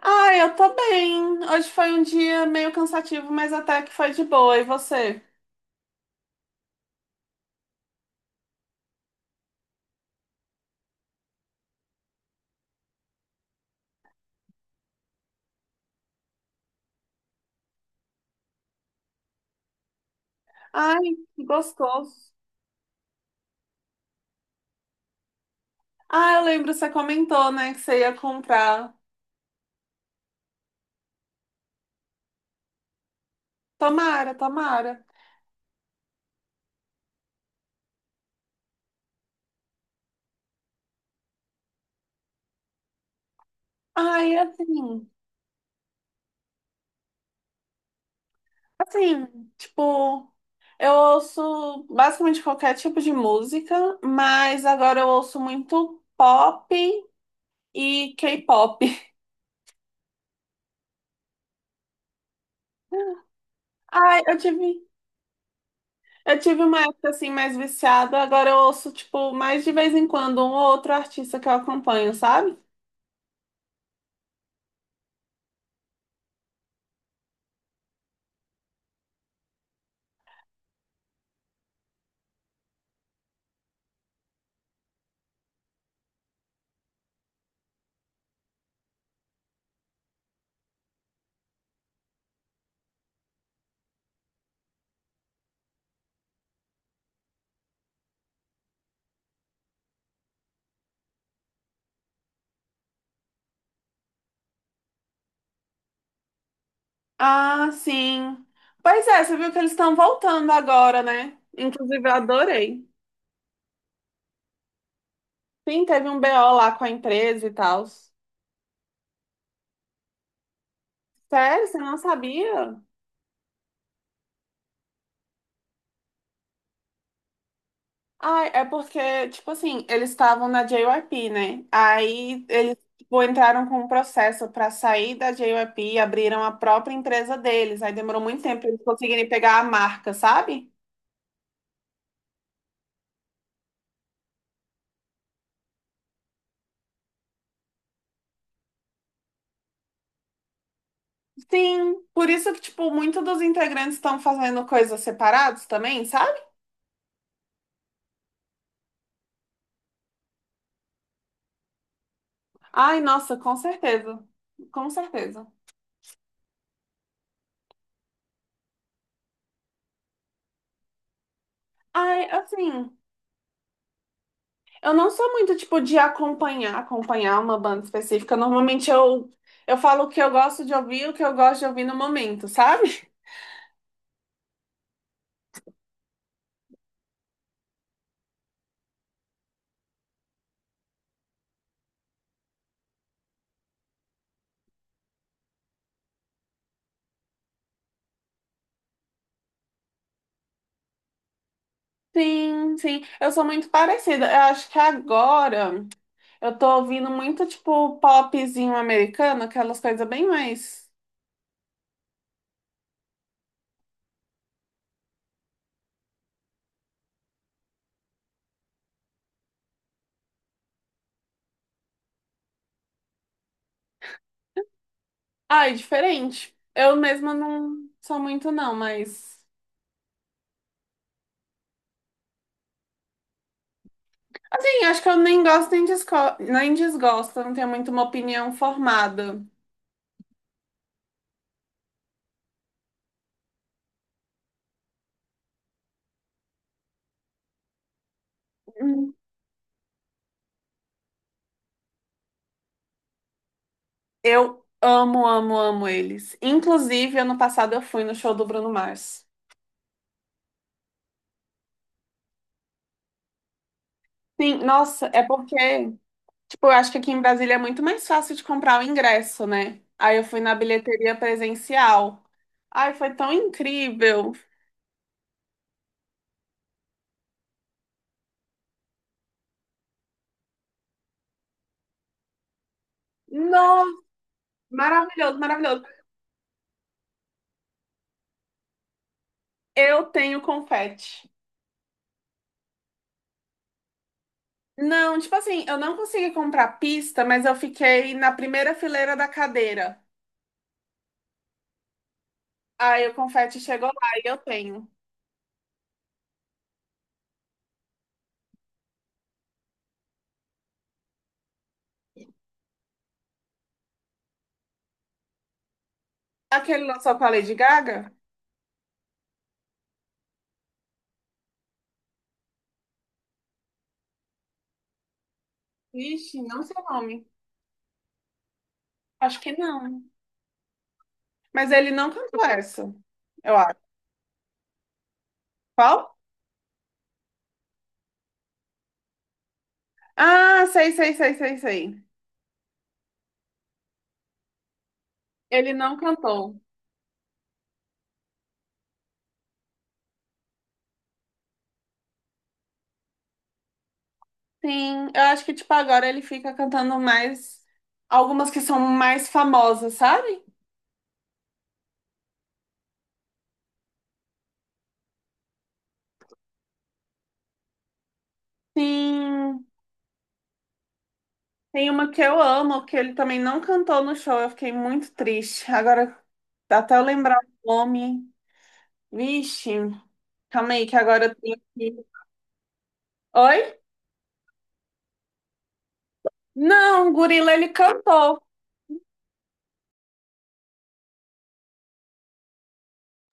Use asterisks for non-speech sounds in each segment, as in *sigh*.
Ah, eu tô bem. Hoje foi um dia meio cansativo, mas até que foi de boa. E você? Ai, que gostoso. Ah, eu lembro, você comentou, né, que você ia comprar. Tomara, tomara. Ai, assim, tipo, eu ouço basicamente qualquer tipo de música, mas agora eu ouço muito pop e K-pop. *laughs* Ai, eu tive. Eu tive uma época assim mais viciada, agora eu ouço, tipo, mais de vez em quando um ou outro artista que eu acompanho, sabe? Ah, sim. Pois é, você viu que eles estão voltando agora, né? Inclusive, eu adorei. Sim, teve um BO lá com a empresa e tal. Sério, você não sabia? Ai, é porque, tipo assim, eles estavam na JYP, né? Aí eles, tipo, entraram com um processo pra sair da JYP, abriram a própria empresa deles. Aí demorou muito tempo pra eles conseguirem pegar a marca, sabe? Sim, por isso que, tipo, muitos dos integrantes estão fazendo coisas separados também, sabe? Ai, nossa, com certeza. Com certeza. Ai, assim, eu não sou muito, tipo, de acompanhar uma banda específica. Normalmente eu falo o que eu gosto de ouvir, o que eu gosto de ouvir no momento, sabe? Sim, sim. Eu sou muito parecida. Eu acho que agora eu tô ouvindo muito, tipo, popzinho americano, aquelas coisas bem mais. Ai, diferente. Eu mesma não sou muito, não, mas. Assim, acho que eu nem gosto nem, desco... nem desgosto, eu não tenho muito uma opinião formada. Hum. Eu amo, amo, amo eles. Inclusive, ano passado eu fui no show do Bruno Mars. Sim, nossa, é porque, tipo, eu acho que aqui em Brasília é muito mais fácil de comprar o ingresso, né? Aí eu fui na bilheteria presencial. Ai, foi tão incrível. Nossa, maravilhoso, maravilhoso. Eu tenho confete. Não, tipo assim, eu não consegui comprar pista, mas eu fiquei na primeira fileira da cadeira. Aí o confete chegou lá e eu tenho. Aquele lançou com a Lady Gaga? Vixe, não sei o nome. Acho que não. Mas ele não cantou essa, eu acho. Qual? Ah, sei, sei, sei, sei, sei. Ele não cantou. Sim, eu acho que, tipo, agora ele fica cantando mais algumas que são mais famosas, sabe? Sim. Tem uma que eu amo, que ele também não cantou no show. Eu fiquei muito triste. Agora, até eu lembrar o nome. Vixe, calma aí, que agora eu tenho que. Oi? Não, o Gorila ele cantou.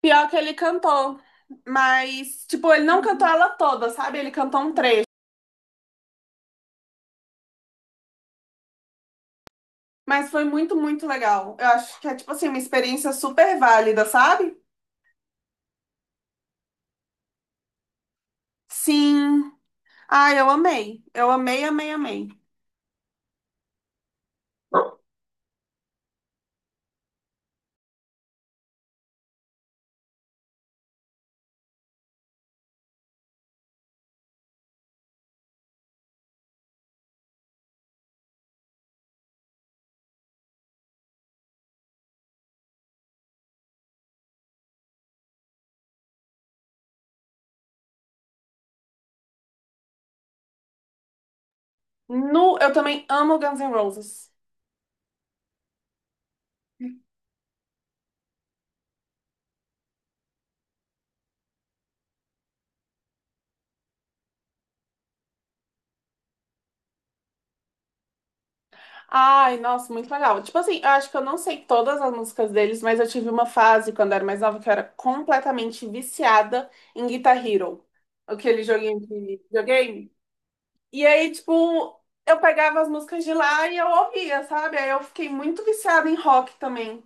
Pior que ele cantou. Mas, tipo, ele não cantou ela toda, sabe? Ele cantou um trecho. Mas foi muito, muito legal. Eu acho que é, tipo assim, uma experiência super válida, sabe? Sim. Ah, eu amei. Eu amei, amei, amei. No, eu também amo Guns N' Roses. Ai, nossa, muito legal. Tipo assim, eu acho que eu não sei todas as músicas deles, mas eu tive uma fase quando eu era mais nova que eu era completamente viciada em Guitar Hero, aquele joguinho de videogame. E aí, tipo, eu pegava as músicas de lá e eu ouvia, sabe? Aí eu fiquei muito viciada em rock também.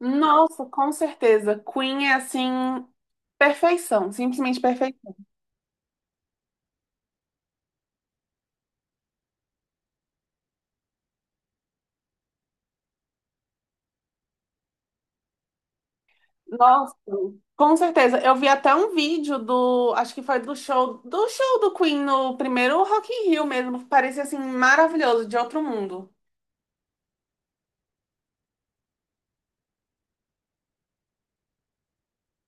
Nossa, com certeza. Queen é assim, perfeição, simplesmente perfeição. Nossa, com certeza. Eu vi até um vídeo do, acho que foi do show do Queen no primeiro Rock in Rio mesmo, que parecia assim maravilhoso, de outro mundo.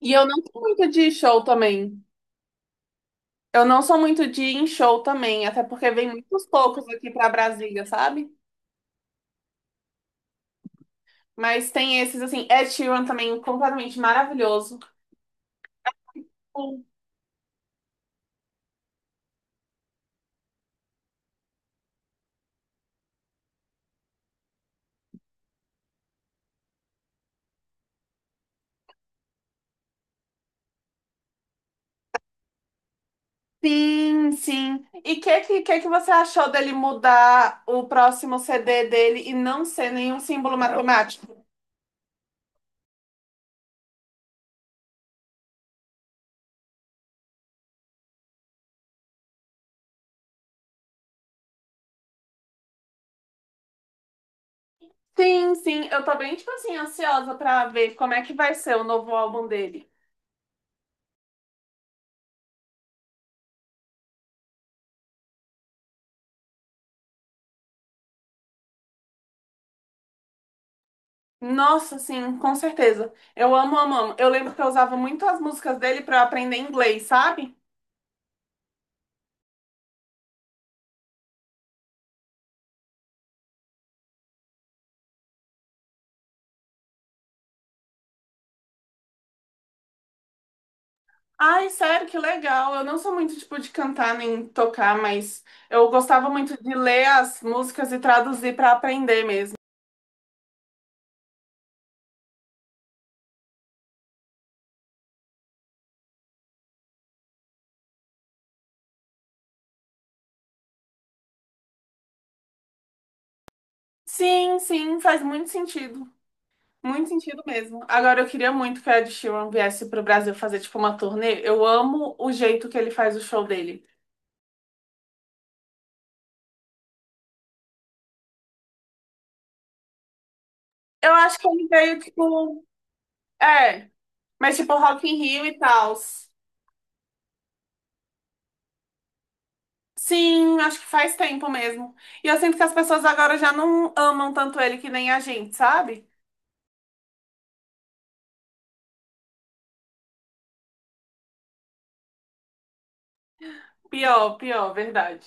E eu não sou muito de show também. Eu não sou muito de ir em show também, até porque vem muitos poucos aqui pra Brasília, sabe? Mas tem esses assim, Ed Sheeran também completamente maravilhoso. Sim, sim. E o que você achou dele mudar o próximo CD dele e não ser nenhum símbolo matemático? Sim, sim, eu tô bem, tipo assim, ansiosa pra ver como é que vai ser o novo álbum dele. Nossa, sim, com certeza. Eu amo, amo, amo. Eu lembro que eu usava muito as músicas dele pra eu aprender inglês, sabe? Ai, sério, que legal. Eu não sou muito tipo de cantar nem tocar, mas eu gostava muito de ler as músicas e traduzir pra aprender mesmo. Sim, sim, faz muito sentido. Muito sentido mesmo. Agora, eu queria muito que o Ed Sheeran viesse pro Brasil fazer, tipo, uma turnê. Eu amo o jeito que ele faz o show dele. Eu acho que ele veio, tipo. É, mas tipo Rock in Rio e tal. Sim, acho que faz tempo mesmo. E eu sinto que as pessoas agora já não amam tanto ele que nem a gente, sabe? Pior, pior, verdade.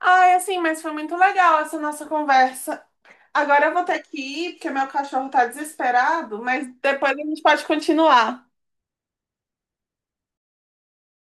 Ai, assim, mas foi muito legal essa nossa conversa. Agora eu vou ter que ir, porque meu cachorro tá desesperado, mas depois a gente pode continuar.